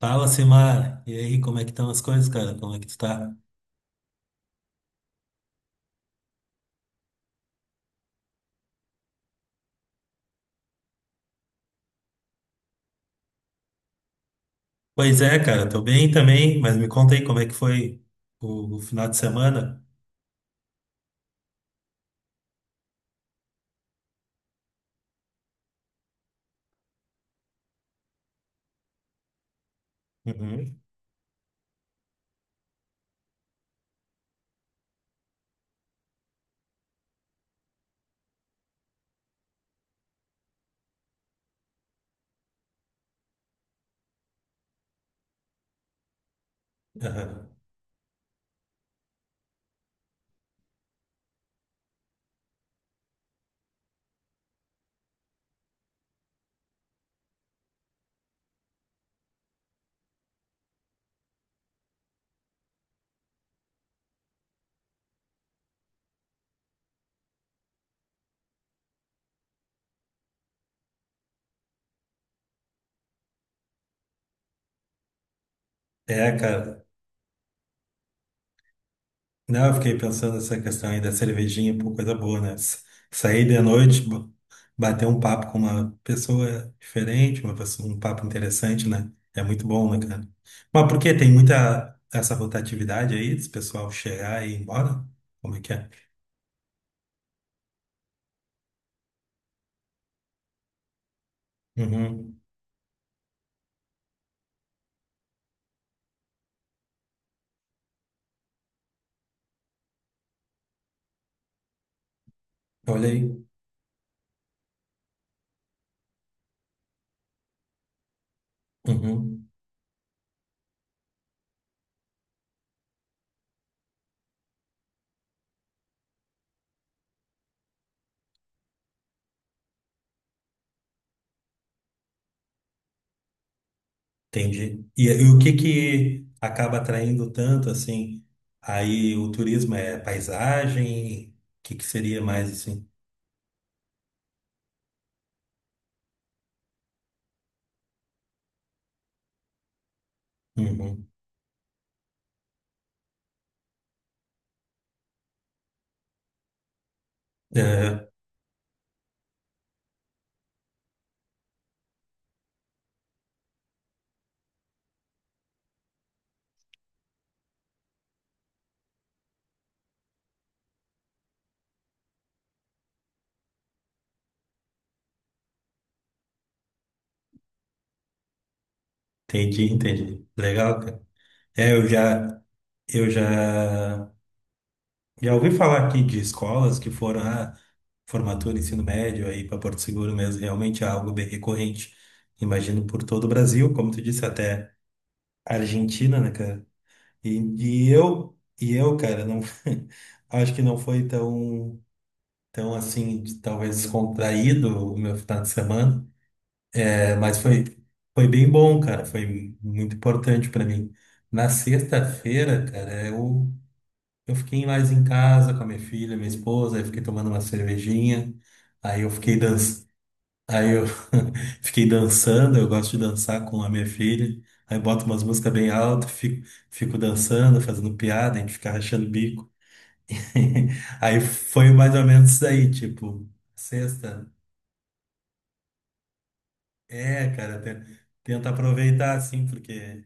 Fala, Simar. E aí, como é que estão as coisas, cara? Como é que tu tá? Pois é, cara, tô bem também, mas me conta aí como é que foi o final de semana. Uhum. Aham. É, cara. Não, eu fiquei pensando nessa questão aí da cervejinha, pô, coisa boa, né? Sair de noite, bater um papo com uma pessoa diferente, uma pessoa, um papo interessante, né? É muito bom, né, cara? Mas por que tem muita essa rotatividade aí, desse pessoal chegar e ir embora? Como é que é? Uhum. Olha aí. Uhum. Entendi. E o que que acaba atraindo tanto, assim? Aí o turismo é paisagem? O que que seria mais, assim? Uhum. É, entendi, entendi. Legal, cara. É, eu já, eu já, já ouvi falar aqui de escolas que foram a formatura, ensino médio aí para Porto Seguro mesmo, realmente é algo bem recorrente. Imagino por todo o Brasil, como tu disse, até Argentina, né, cara? E, cara, não, acho que não foi tão, tão assim, talvez descontraído o meu final de semana. É, mas foi, foi bem bom, cara. Foi muito importante para mim. Na sexta-feira, eu fiquei mais em casa com a minha filha, minha esposa, aí fiquei tomando uma cervejinha, aí eu fiquei dançando. Aí eu fiquei dançando, eu gosto de dançar com a minha filha. Aí boto umas músicas bem altas, fico, fico dançando, fazendo piada, a gente fica rachando o bico. Aí foi mais ou menos isso aí, tipo, sexta. É, cara, tenta aproveitar assim, porque,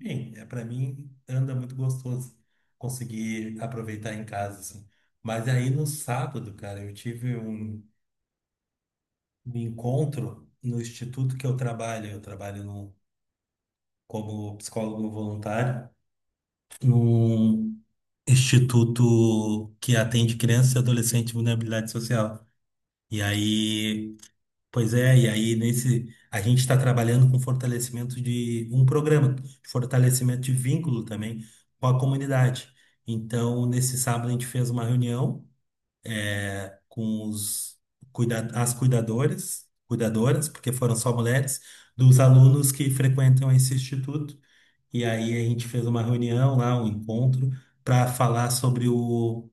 enfim, é para mim anda muito gostoso conseguir aproveitar em casa assim. Mas aí no sábado, cara, eu tive um encontro no instituto que eu trabalho. Eu trabalho como psicólogo voluntário num instituto que atende crianças e adolescentes em vulnerabilidade social. E aí, pois é, e aí nesse a gente está trabalhando com fortalecimento de um programa, de fortalecimento de vínculo também com a comunidade. Então, nesse sábado a gente fez uma reunião com os as cuidadores, cuidadoras, porque foram só mulheres, dos alunos que frequentam esse instituto. E aí a gente fez uma reunião lá, um encontro, para falar sobre o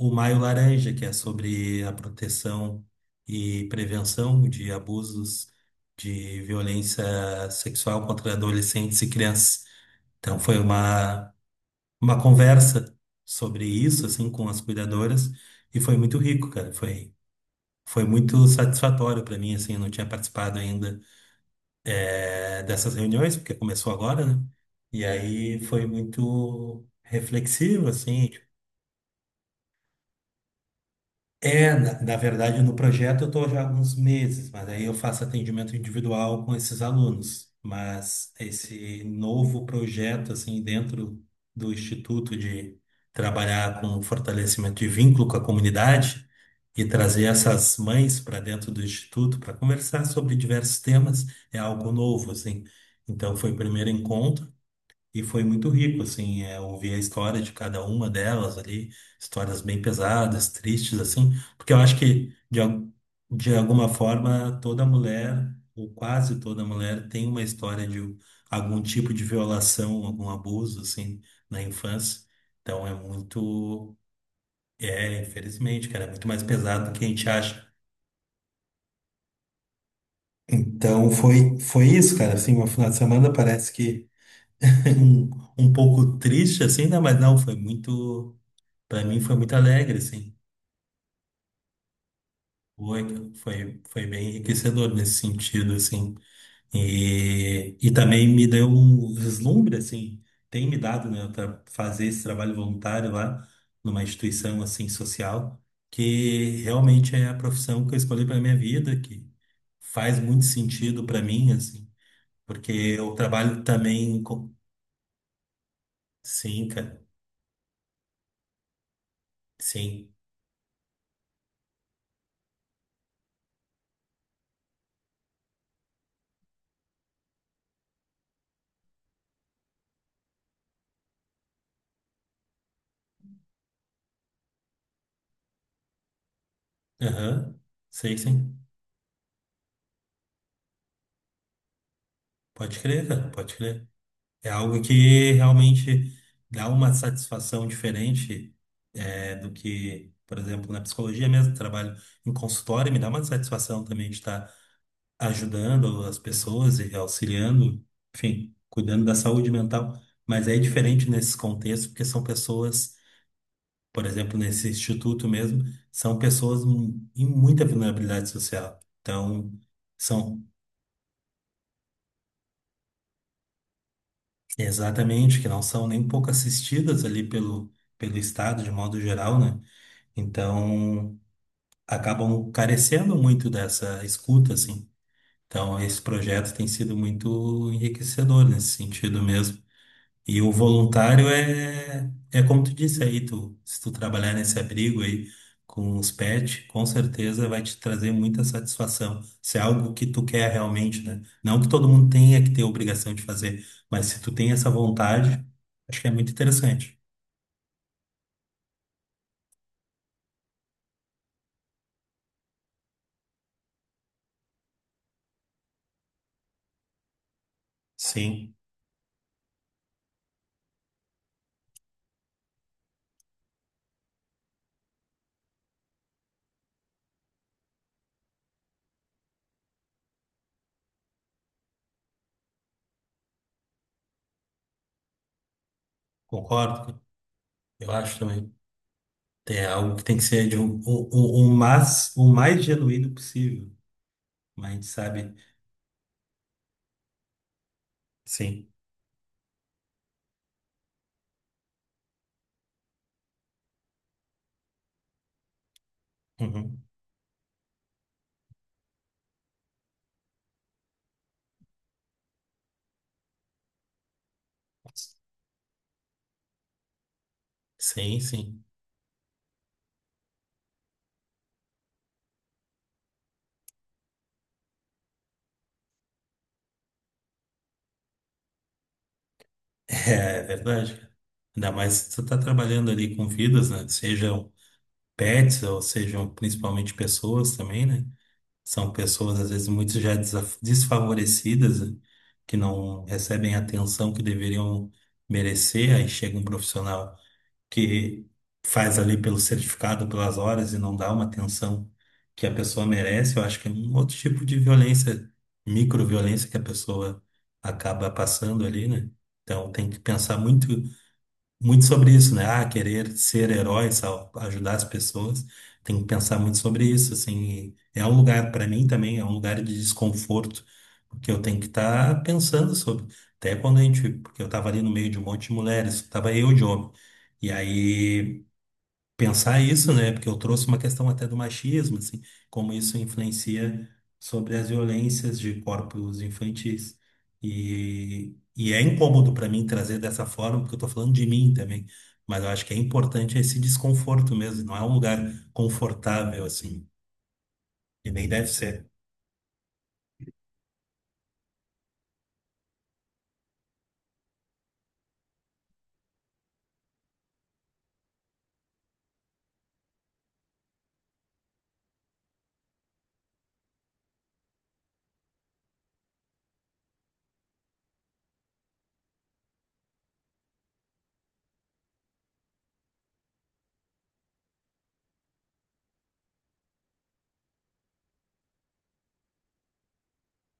o Maio Laranja, que é sobre a proteção e prevenção de abusos de violência sexual contra adolescentes e crianças. Então foi uma conversa sobre isso, assim, com as cuidadoras, e foi muito rico, cara. Foi, foi muito satisfatório para mim, assim, eu não tinha participado ainda dessas reuniões, porque começou agora, né? E aí foi muito reflexivo, assim. É, na verdade, no projeto eu estou já há alguns meses, mas aí eu faço atendimento individual com esses alunos. Mas esse novo projeto, assim, dentro do Instituto de trabalhar com fortalecimento de vínculo com a comunidade e trazer essas mães para dentro do Instituto para conversar sobre diversos temas, é algo novo, assim. Então, foi o primeiro encontro. E foi muito rico, assim, é, ouvir a história de cada uma delas ali, histórias bem pesadas, tristes, assim, porque eu acho que, de alguma forma, toda mulher, ou quase toda mulher, tem uma história de algum tipo de violação, algum abuso, assim, na infância. Então é muito, é, infelizmente, cara, é muito mais pesado do que a gente acha. Então foi, foi isso, cara, assim, meu final de semana parece que um, um pouco triste, assim, né? Mas não, foi muito. Para mim foi muito alegre, assim. Foi, foi, foi bem enriquecedor nesse sentido, assim. E também me deu um vislumbre, assim, tem me dado, né, para fazer esse trabalho voluntário lá numa instituição, assim, social, que realmente é a profissão que eu escolhi para minha vida, que faz muito sentido para mim, assim, porque eu trabalho também com... Sim, cara, sim. Aham, sei, sim. Pode crer, cara, pode crer. É algo que realmente dá uma satisfação diferente é, do que, por exemplo, na psicologia mesmo, trabalho em consultório, me dá uma satisfação também de estar ajudando as pessoas e auxiliando, enfim, cuidando da saúde mental. Mas é diferente nesses contextos, porque são pessoas, por exemplo, nesse instituto mesmo, são pessoas em muita vulnerabilidade social. Então, são exatamente, que não são nem pouco assistidas ali pelo Estado, de modo geral, né? Então, acabam carecendo muito dessa escuta, assim. Então, esse projeto tem sido muito enriquecedor nesse sentido mesmo. E o voluntário é, é como tu disse aí, tu, se tu trabalhar nesse abrigo aí com os pets, com certeza vai te trazer muita satisfação. Se é algo que tu quer realmente, né? Não que todo mundo tenha que ter obrigação de fazer, mas se tu tem essa vontade, acho que é muito interessante. Sim, concordo. Eu acho também. É algo que tem que ser de um, o mais genuíno possível. Mas a gente sabe, sim. Uhum. Sim, sim. É, é verdade, cara. Ainda mais se tu tá trabalhando ali com vidas, né? Sejam pets ou sejam principalmente pessoas também, né? São pessoas, às vezes, muito já desfavorecidas, né? Que não recebem a atenção que deveriam merecer. Aí chega um profissional que faz ali pelo certificado, pelas horas e não dá uma atenção que a pessoa merece. Eu acho que é um outro tipo de violência, microviolência que a pessoa acaba passando ali, né? Então tem que pensar muito sobre isso, né? Ah, querer ser herói, ajudar as pessoas. Tem que pensar muito sobre isso, assim. E é um lugar, para mim também, é um lugar de desconforto, porque eu tenho que estar pensando sobre. Até quando a gente, porque eu estava ali no meio de um monte de mulheres, estava eu de homem. E aí pensar isso, né? Porque eu trouxe uma questão até do machismo, assim, como isso influencia sobre as violências de corpos infantis. E é incômodo para mim trazer dessa forma, porque eu tô falando de mim também, mas eu acho que é importante esse desconforto mesmo, não é um lugar confortável, assim, e nem deve ser,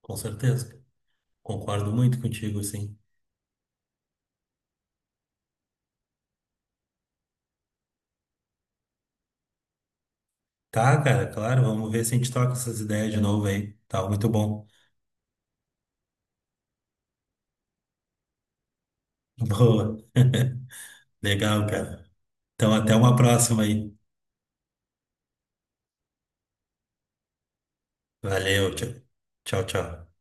com certeza. Concordo muito contigo, assim. Tá, cara, claro, vamos ver se a gente toca essas ideias de novo aí. Tá, muito bom. Boa. Legal, cara. Então, até uma próxima aí. Valeu, tchau, tchau, tchau.